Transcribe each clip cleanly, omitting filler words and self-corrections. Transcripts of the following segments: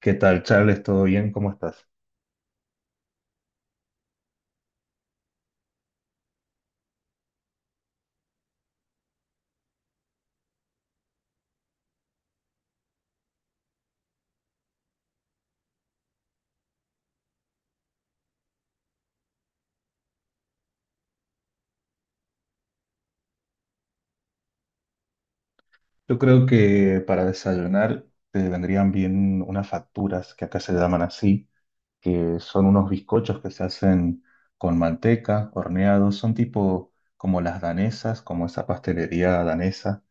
¿Qué tal, Charles? ¿Todo bien? ¿Cómo estás? Yo creo que para desayunar te vendrían bien unas facturas, que acá se llaman así, que son unos bizcochos que se hacen con manteca, horneados, son tipo como las danesas, como esa pastelería danesa.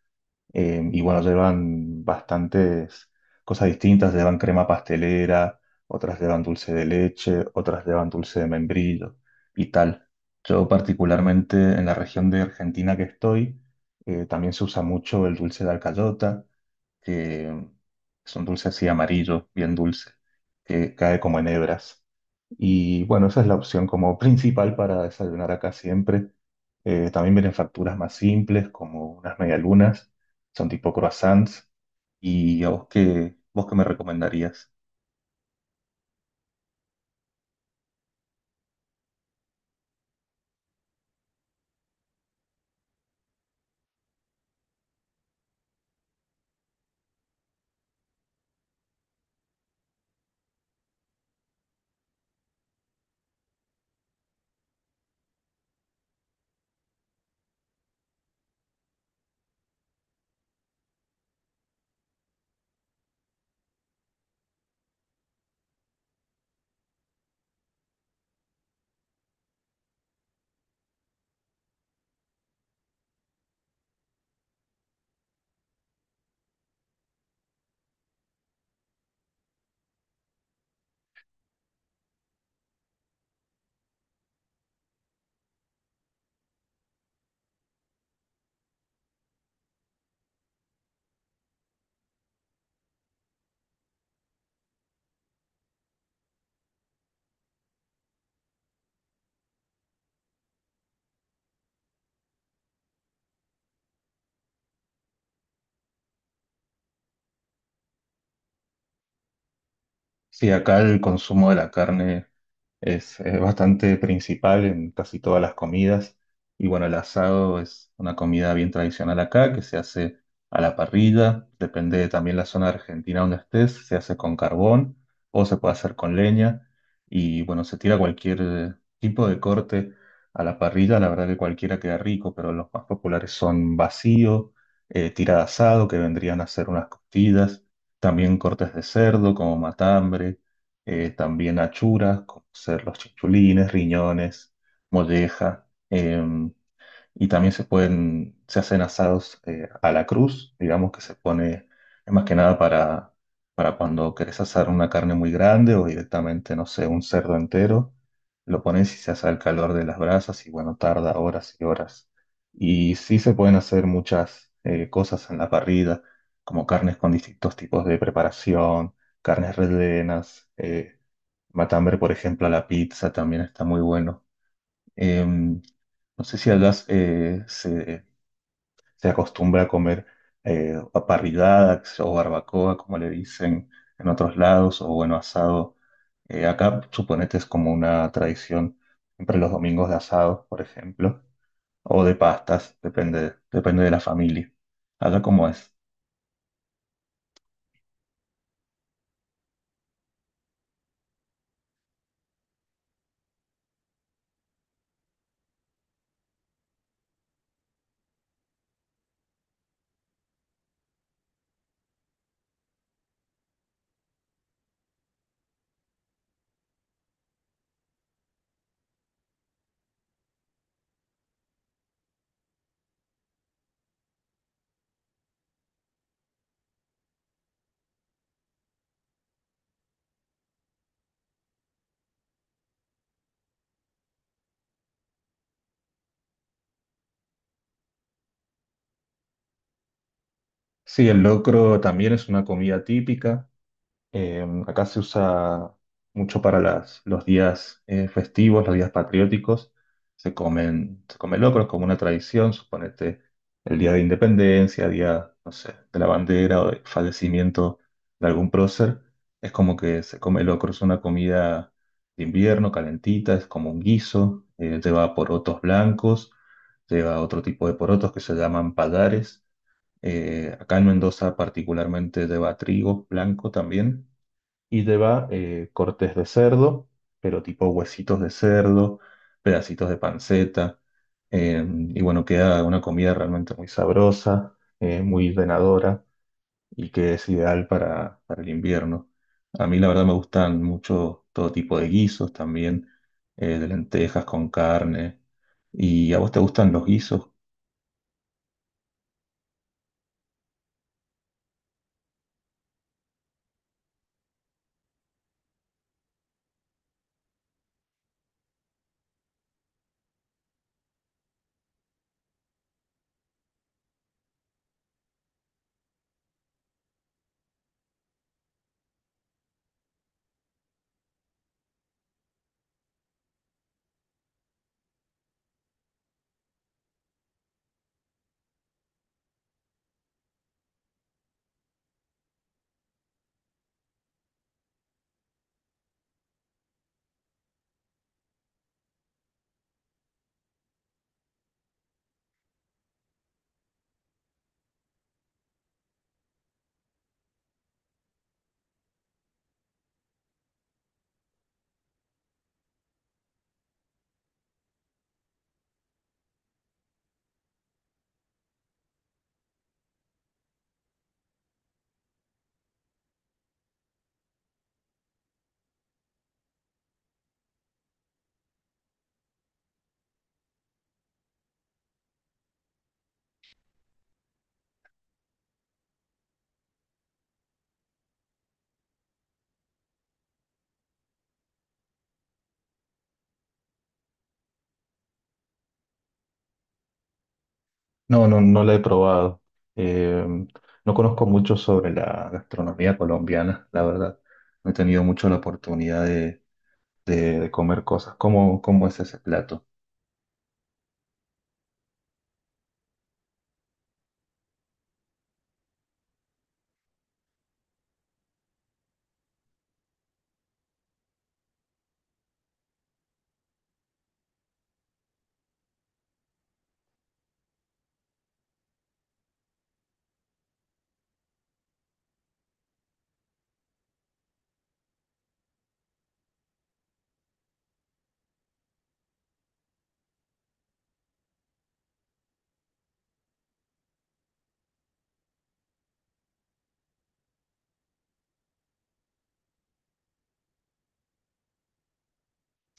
Y bueno, llevan bastantes cosas distintas, llevan crema pastelera, otras llevan dulce de leche, otras llevan dulce de membrillo y tal. Yo particularmente en la región de Argentina que estoy, también se usa mucho el dulce de alcayota, que es un dulce así amarillo, bien dulce, que cae como en hebras. Y bueno, esa es la opción como principal para desayunar acá siempre. También vienen facturas más simples, como unas medialunas, son tipo croissants. ¿Y a vos qué me recomendarías? Sí, acá el consumo de la carne es, bastante principal en casi todas las comidas. Y bueno, el asado es una comida bien tradicional acá que se hace a la parrilla. Depende también la zona de Argentina donde estés. Se hace con carbón o se puede hacer con leña. Y bueno, se tira cualquier tipo de corte a la parrilla. La verdad que cualquiera queda rico, pero los más populares son vacío, tira de asado, que vendrían a ser unas costillas, también cortes de cerdo como matambre, también achuras como ser los chinchulines, riñones, molleja. Y también se hacen asados a la cruz, digamos que se pone, es más que nada para, para cuando querés asar una carne muy grande o directamente, no sé, un cerdo entero, lo pones y se hace al calor de las brasas y bueno, tarda horas y horas. Y sí se pueden hacer muchas cosas en la parrilla, como carnes con distintos tipos de preparación, carnes rellenas, matambre, por ejemplo, a la pizza también está muy bueno. Em, no sé si hablas, se acostumbra a comer a parrillada o barbacoa, como le dicen en otros lados, o bueno, asado. Acá, suponete, es como una tradición, siempre los domingos de asado, por ejemplo, o de pastas, depende, depende de la familia. Allá cómo es. Sí, el locro también es una comida típica. Acá se usa mucho para las, los días festivos, los días patrióticos. Se come locro, es como una tradición, suponete el día de independencia, día, no sé, de la bandera o de fallecimiento de algún prócer. Es como que se come locro, es una comida de invierno, calentita, es como un guiso, lleva porotos blancos, lleva otro tipo de porotos que se llaman pallares. Acá en Mendoza particularmente lleva trigo blanco también y lleva cortes de cerdo, pero tipo huesitos de cerdo, pedacitos de panceta, y bueno, queda una comida realmente muy sabrosa, muy llenadora y que es ideal para el invierno. A mí la verdad me gustan mucho todo tipo de guisos también, de lentejas con carne. ¿Y a vos te gustan los guisos? No, no, no la he probado. Eh, no conozco mucho sobre la gastronomía colombiana, la verdad. No he tenido mucho la oportunidad de, de comer cosas. ¿Cómo, cómo es ese plato?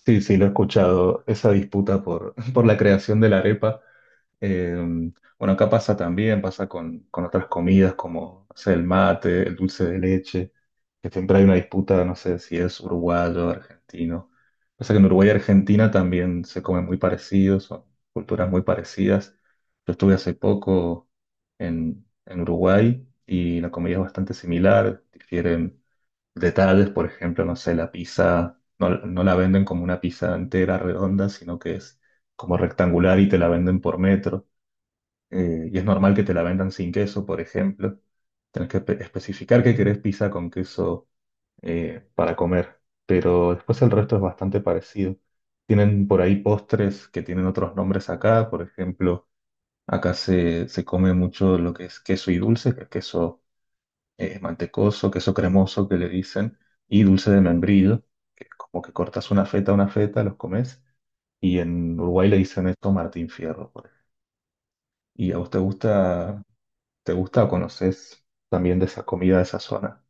Sí, sí, lo he escuchado, esa disputa por, por la creación de la arepa. Eh, bueno, acá pasa también, pasa con otras comidas como, no sé, el mate, el dulce de leche, que siempre hay una disputa, no sé si es uruguayo o argentino. Pasa que en Uruguay y Argentina también se comen muy parecidos, son culturas muy parecidas. Yo estuve hace poco en Uruguay y la comida es bastante similar, difieren detalles, por ejemplo, no sé, la pizza, no, no la venden como una pizza entera redonda, sino que es como rectangular y te la venden por metro, y es normal que te la vendan sin queso, por ejemplo. Tenés que especificar que querés pizza con queso para comer, pero después el resto es bastante parecido. Tienen por ahí postres que tienen otros nombres acá, por ejemplo, acá se come mucho lo que es queso y dulce, que es queso mantecoso, queso cremoso que le dicen, y dulce de membrillo, que es como que cortas una feta, los comes, y en Uruguay le dicen esto Martín Fierro, por ejemplo. ¿Y a vos te gusta? ¿Te gusta o conoces también de esa comida de esa zona?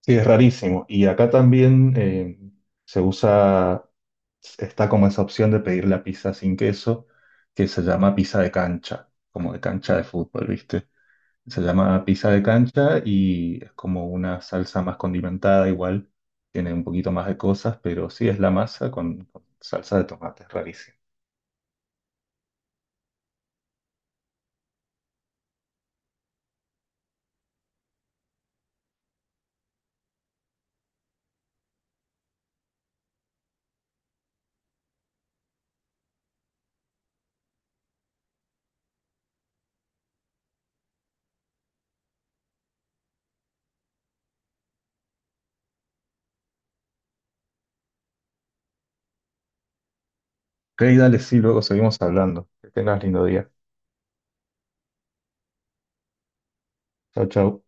Sí, es rarísimo. Y acá también se usa, está como esa opción de pedir la pizza sin queso, que se llama pizza de cancha, como de cancha de fútbol, ¿viste? Se llama pizza de cancha y es como una salsa más condimentada, igual, tiene un poquito más de cosas, pero sí es la masa con salsa de tomate, es rarísimo. Ok, dale, sí, luego seguimos hablando. Que tengas lindo día. Chau, chau.